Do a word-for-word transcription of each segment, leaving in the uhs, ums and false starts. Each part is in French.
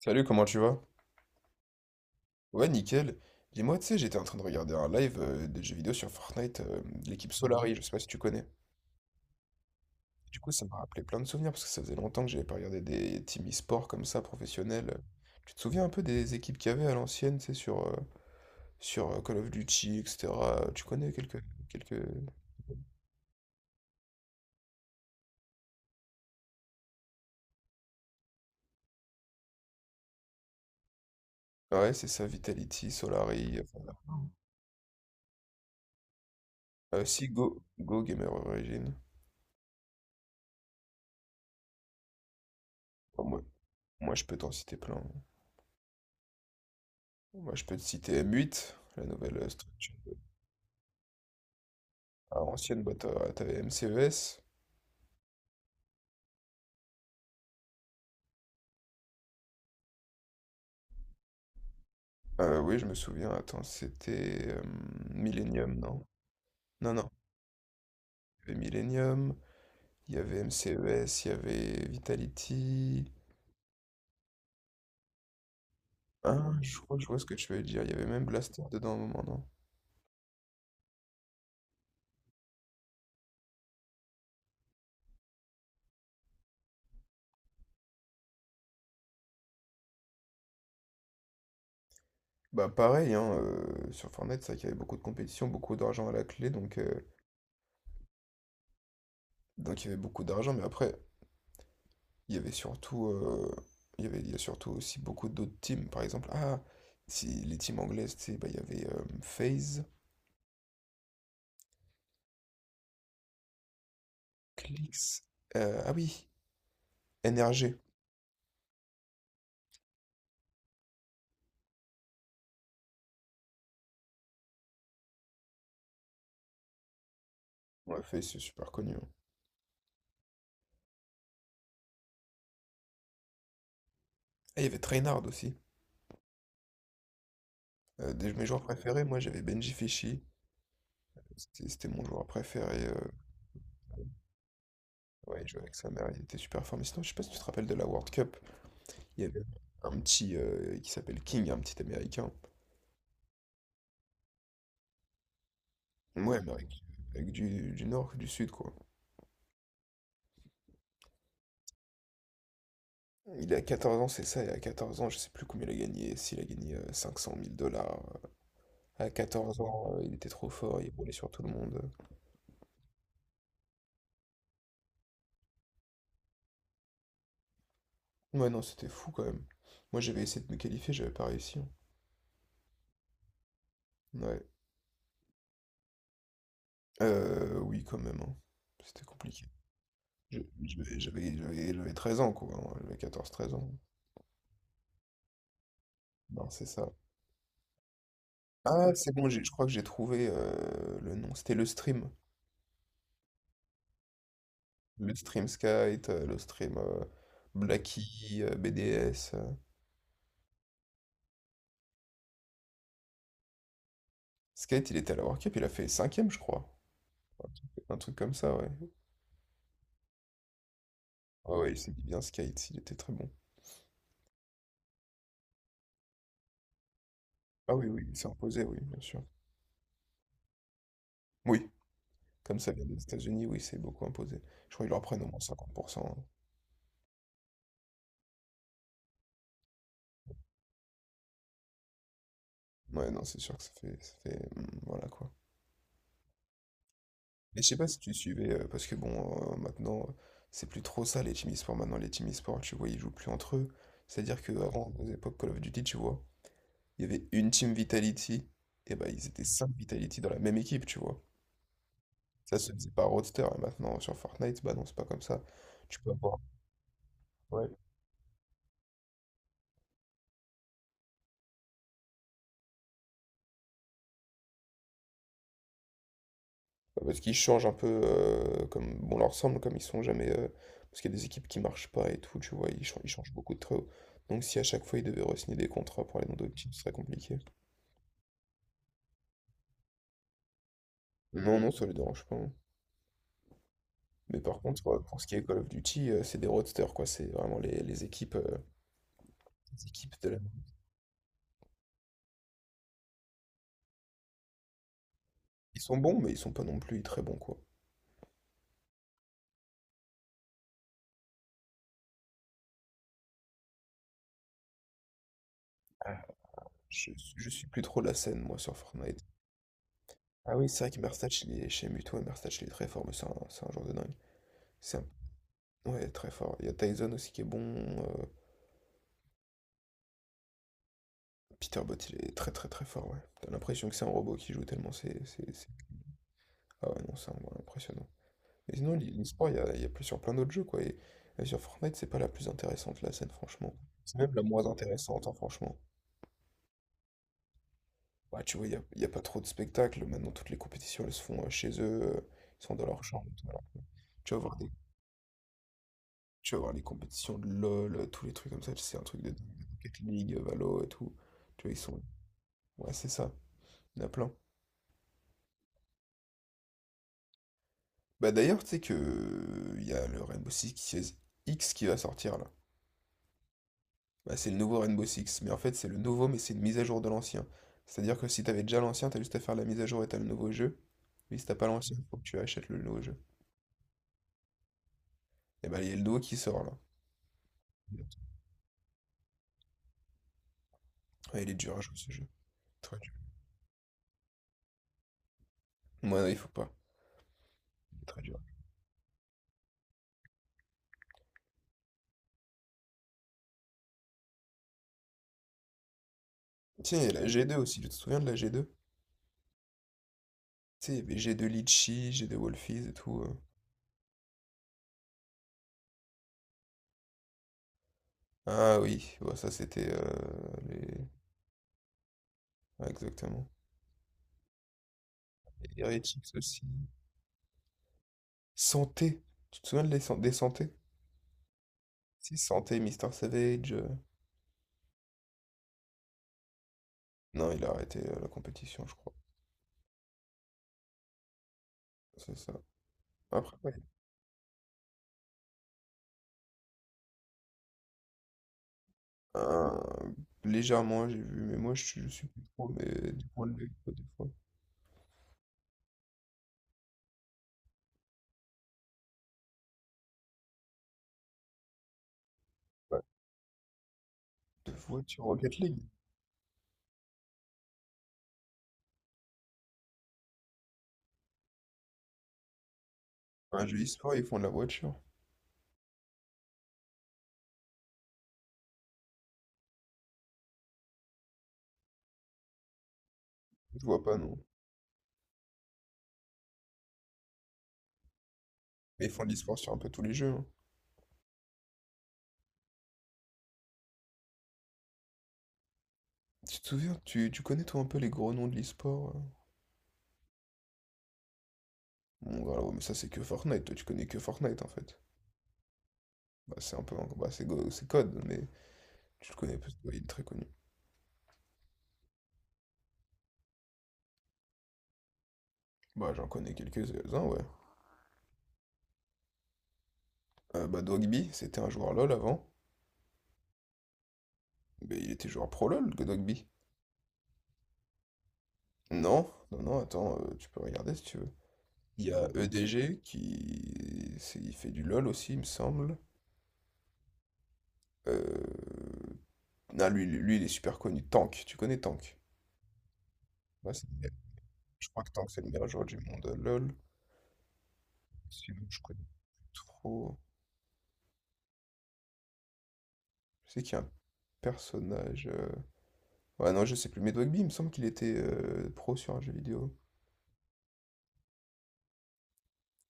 Salut, comment tu vas? Ouais, nickel. Dis-moi, tu sais, j'étais en train de regarder un live euh, des jeux vidéo sur Fortnite, euh, de l'équipe Solari, je sais pas si tu connais. Du coup, ça m'a rappelé plein de souvenirs parce que ça faisait longtemps que j'avais pas regardé des teams e-sport comme ça, professionnels. Tu te souviens un peu des équipes qu'il y avait à l'ancienne, tu sais, sur, euh, sur euh, Call of Duty, et cetera. Tu connais quelques, quelques... Ouais, c'est ça, Vitality, Solari, enfin, euh, si, Go, Go Gamer Origin. Oh, moi, moi, je peux t'en citer plein. Moi, je peux te citer M huit, la nouvelle euh, structure. Alors, ancienne boîte, à- t'avais M C E S. Euh, oui, je me souviens. Attends, c'était euh, Millennium, non? Non, non. Il y avait Millennium, il y avait M C E S, il y avait Vitality. Ah, je crois que je vois ce que tu veux dire. Il y avait même Blaster dedans à un moment, non? Bah, pareil, hein, euh, sur Fortnite, c'est vrai qu'il y avait beaucoup de compétition, beaucoup d'argent à la clé, donc, euh, donc il y avait beaucoup d'argent. Mais après, il y avait surtout, euh, il y avait, il y a surtout aussi beaucoup d'autres teams. Par exemple, ah, si, les teams anglaises, tu sais, bah, il y avait euh, FaZe. Clix. Euh, ah oui, N R G. On l'a fait, c'est super connu, hein. Ah, il y avait Trainard aussi. Euh, des, mes joueurs préférés, moi j'avais Benji Fischi. C'était c'était mon joueur préféré. euh, Ouais, il jouait avec sa mère, il était super fort. Mais sinon, je sais pas si tu te rappelles de la World Cup. Il y avait un petit euh, qui s'appelle King, un petit américain. Ouais, mais avec, avec du, du nord, du sud, quoi. Il a quatorze ans, c'est ça, et à quatorze ans, je sais plus combien il a gagné. S'il a gagné euh, cinq cent mille dollars. À quatorze ans, euh, il était trop fort, il roulait sur tout le monde. Ouais, non, c'était fou quand même. Moi, j'avais essayé de me qualifier, j'avais pas réussi, hein. Ouais. Euh, oui, quand même, hein. C'était compliqué. Je- J'avais j'avais- j'avais- j'avais treize ans, quoi, hein. J'avais quatorze treize ans. Non, c'est ça. Ah, c'est bon, j'ai- je crois que j'ai trouvé euh, le nom. C'était le stream. Le stream Skate, euh, le stream euh, Blacky, euh, B D S. euh. Skate, il était à la World Cup, il a fait cinquième je crois. Un truc comme ça, ouais. Ah ouais, il s'est dit bien Skate, il était très bon. Ah oui, oui, il s'est imposé, oui, bien sûr. Oui. Comme ça vient des États-Unis, oui, c'est beaucoup imposé. Je crois qu'ils leur prennent au moins cinquante pour cent. Ouais, non, c'est sûr que ça fait, ça fait, hum, voilà quoi. Et je sais pas si tu suivais, euh, parce que bon, euh, maintenant, euh, c'est plus trop ça les team e-sport. Maintenant, les team e-sport, tu vois, ils jouent plus entre eux. C'est-à-dire que avant, aux époques Call of Duty, tu vois, il y avait une team Vitality, et bah ils étaient cinq Vitality dans la même équipe, tu vois. Ça se faisait par roster, et maintenant sur Fortnite, bah non, c'est pas comme ça. Tu peux avoir. Ouais. Bah, parce qu'ils changent un peu euh, comme bon leur semble, comme ils sont jamais. Euh, parce qu'il y a des équipes qui marchent pas et tout, tu vois, ils, chan- ils changent beaucoup de très haut. Donc si à chaque fois ils devaient re-signer des contrats pour aller dans d'autres teams, ce serait compliqué. Non, non, ça les dérange pas, hein. Mais par contre, euh, pour ce qui est Call of Duty, euh, c'est des roadsters, quoi. C'est vraiment les, les équipes, euh, les équipes de la... Ils sont bons, mais ils sont pas non plus très bons, quoi. Ah, je, je suis plus trop la scène, moi, sur Fortnite. Ah oui, c'est vrai que Merstach, il est chez Muto, et Merstach, il est très fort, mais c'est un, c'est un joueur de dingue. C'est un... Ouais, très fort. Il y a Tyson aussi qui est bon. euh, Peter Bott, il est très très très fort, ouais. T'as l'impression que c'est un robot qui joue tellement c'est... c'est- c'est- Ah ouais, non, c'est un- ouais, impressionnant. Et sinon, l'e-sport, il y a, il y a plus sur plein d'autres jeux, quoi. Et, et sur Fortnite, c'est pas la plus intéressante, la scène, franchement. C'est même la moins intéressante, hein, franchement. Bah, tu vois, il y a, il y a pas trop de spectacles. Maintenant, toutes les compétitions, elles se font euh, chez eux. Euh, ils sont dans leur chambre, voilà. Tu vas voir des, tu vas voir les compétitions de LoL, euh, tous les trucs comme ça. C'est un truc de dingue. Rocket League, euh, Valo et tout. Tu vois, ils sont... Ouais, c'est ça. Il y en a plein. Bah d'ailleurs, tu sais que euh, il y a le Rainbow Six X qui va sortir là. Bah, c'est le nouveau Rainbow Six, mais en fait c'est le nouveau, mais c'est une mise à jour de l'ancien. C'est-à-dire que si t'avais déjà l'ancien, t'as juste à faire la mise à jour et t'as le nouveau jeu. Mais si t'as pas l'ancien, faut que tu achètes le nouveau jeu. Et bah il y a le nouveau qui sort là. Ouais, il est dur à jouer ce jeu. Très dur. Ouais, non, il faut pas. Il est très dur. Tiens, il y a la G deux aussi, tu te souviens de la G deux? Tu sais, il y avait G deux Litchi, G deux Wolfies et tout. euh. Ah oui, ouais, ça c'était euh, les. Ouais, exactement. Et Heretics aussi. Santé. Tu te souviens de les san- des Santé? Si, Santé, Mister Savage. euh, Non, il a arrêté euh, la compétition, je crois. C'est ça. Après, ouais, euh, légèrement, j'ai vu, mais moi, je suis, je suis plus trop, mais du point relevé, quoi, des fois. Ouais. De voiture Rocket League. Un jeu e-sport, ils font de la voiture. Je vois pas, non. Mais ils font de l'e-sport sur un peu tous les jeux, hein. Tu te souviens, tu, tu connais, toi, un peu les gros noms de l'e-sport? euh Bon, voilà, ouais, mais ça, c'est que Fortnite. Toi, tu connais que Fortnite, en fait. Bah, c'est un peu... un- Bah, c'est Go- c'est Code, mais tu le connais parce qu'il est très connu. Bah, j'en connais quelques-uns, ouais. Euh, bah, Dogby, c'était un joueur LoL avant. Mais il était joueur pro LoL, que Dogby. Non, non, non, attends, euh, tu peux regarder si tu veux. Il y a E D G qui c'est- il fait du LoL aussi, il me semble. Euh, Non, lui, lui, lui, il est super connu. Tank, tu connais Tank? Ouais, c'est- Je crois que Tank, c'est le meilleur joueur du monde. euh, LoL. Sinon, je connais trop. Je sais qu'il y a un personnage. euh, Ouais, non, je sais plus. Mais Dogby, il me semble qu'il était euh, pro sur un jeu vidéo.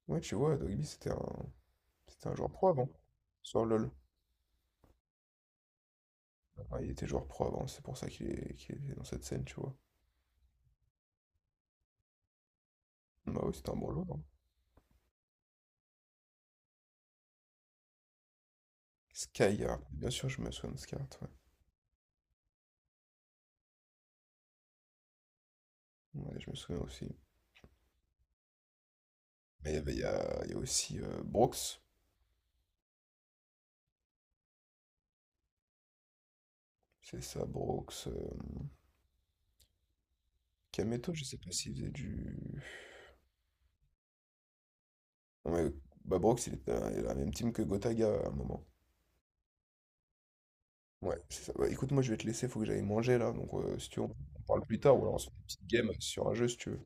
Ouais, tu vois, Dogby, c'était un. C'était un joueur pro avant, sur LoL. Ah, il était joueur pro avant, c'est pour ça qu'il est, qu'il est dans cette scène, tu vois. Bah oui, c'était un bon joueur, hein. Skyheart, bien sûr, je me souviens de Skyheart, ouais. Ouais, je me souviens aussi. Mais il y avait- il y a, il y a aussi euh, Brooks, c'est ça, Brooks. euh, Kameto, je sais pas s'il faisait du. Non, mais, bah Brooks, il était dans la même team que Gotaga à un moment. Ouais, c'est ça. Bah, écoute, moi je vais te laisser, faut que j'aille manger là, donc euh, si tu veux, on parle plus tard, ou alors on se fait une petite game sur un jeu si tu veux.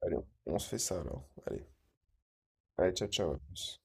Allez, on on se fait ça alors. Allez, allez, ciao, ciao, à plus.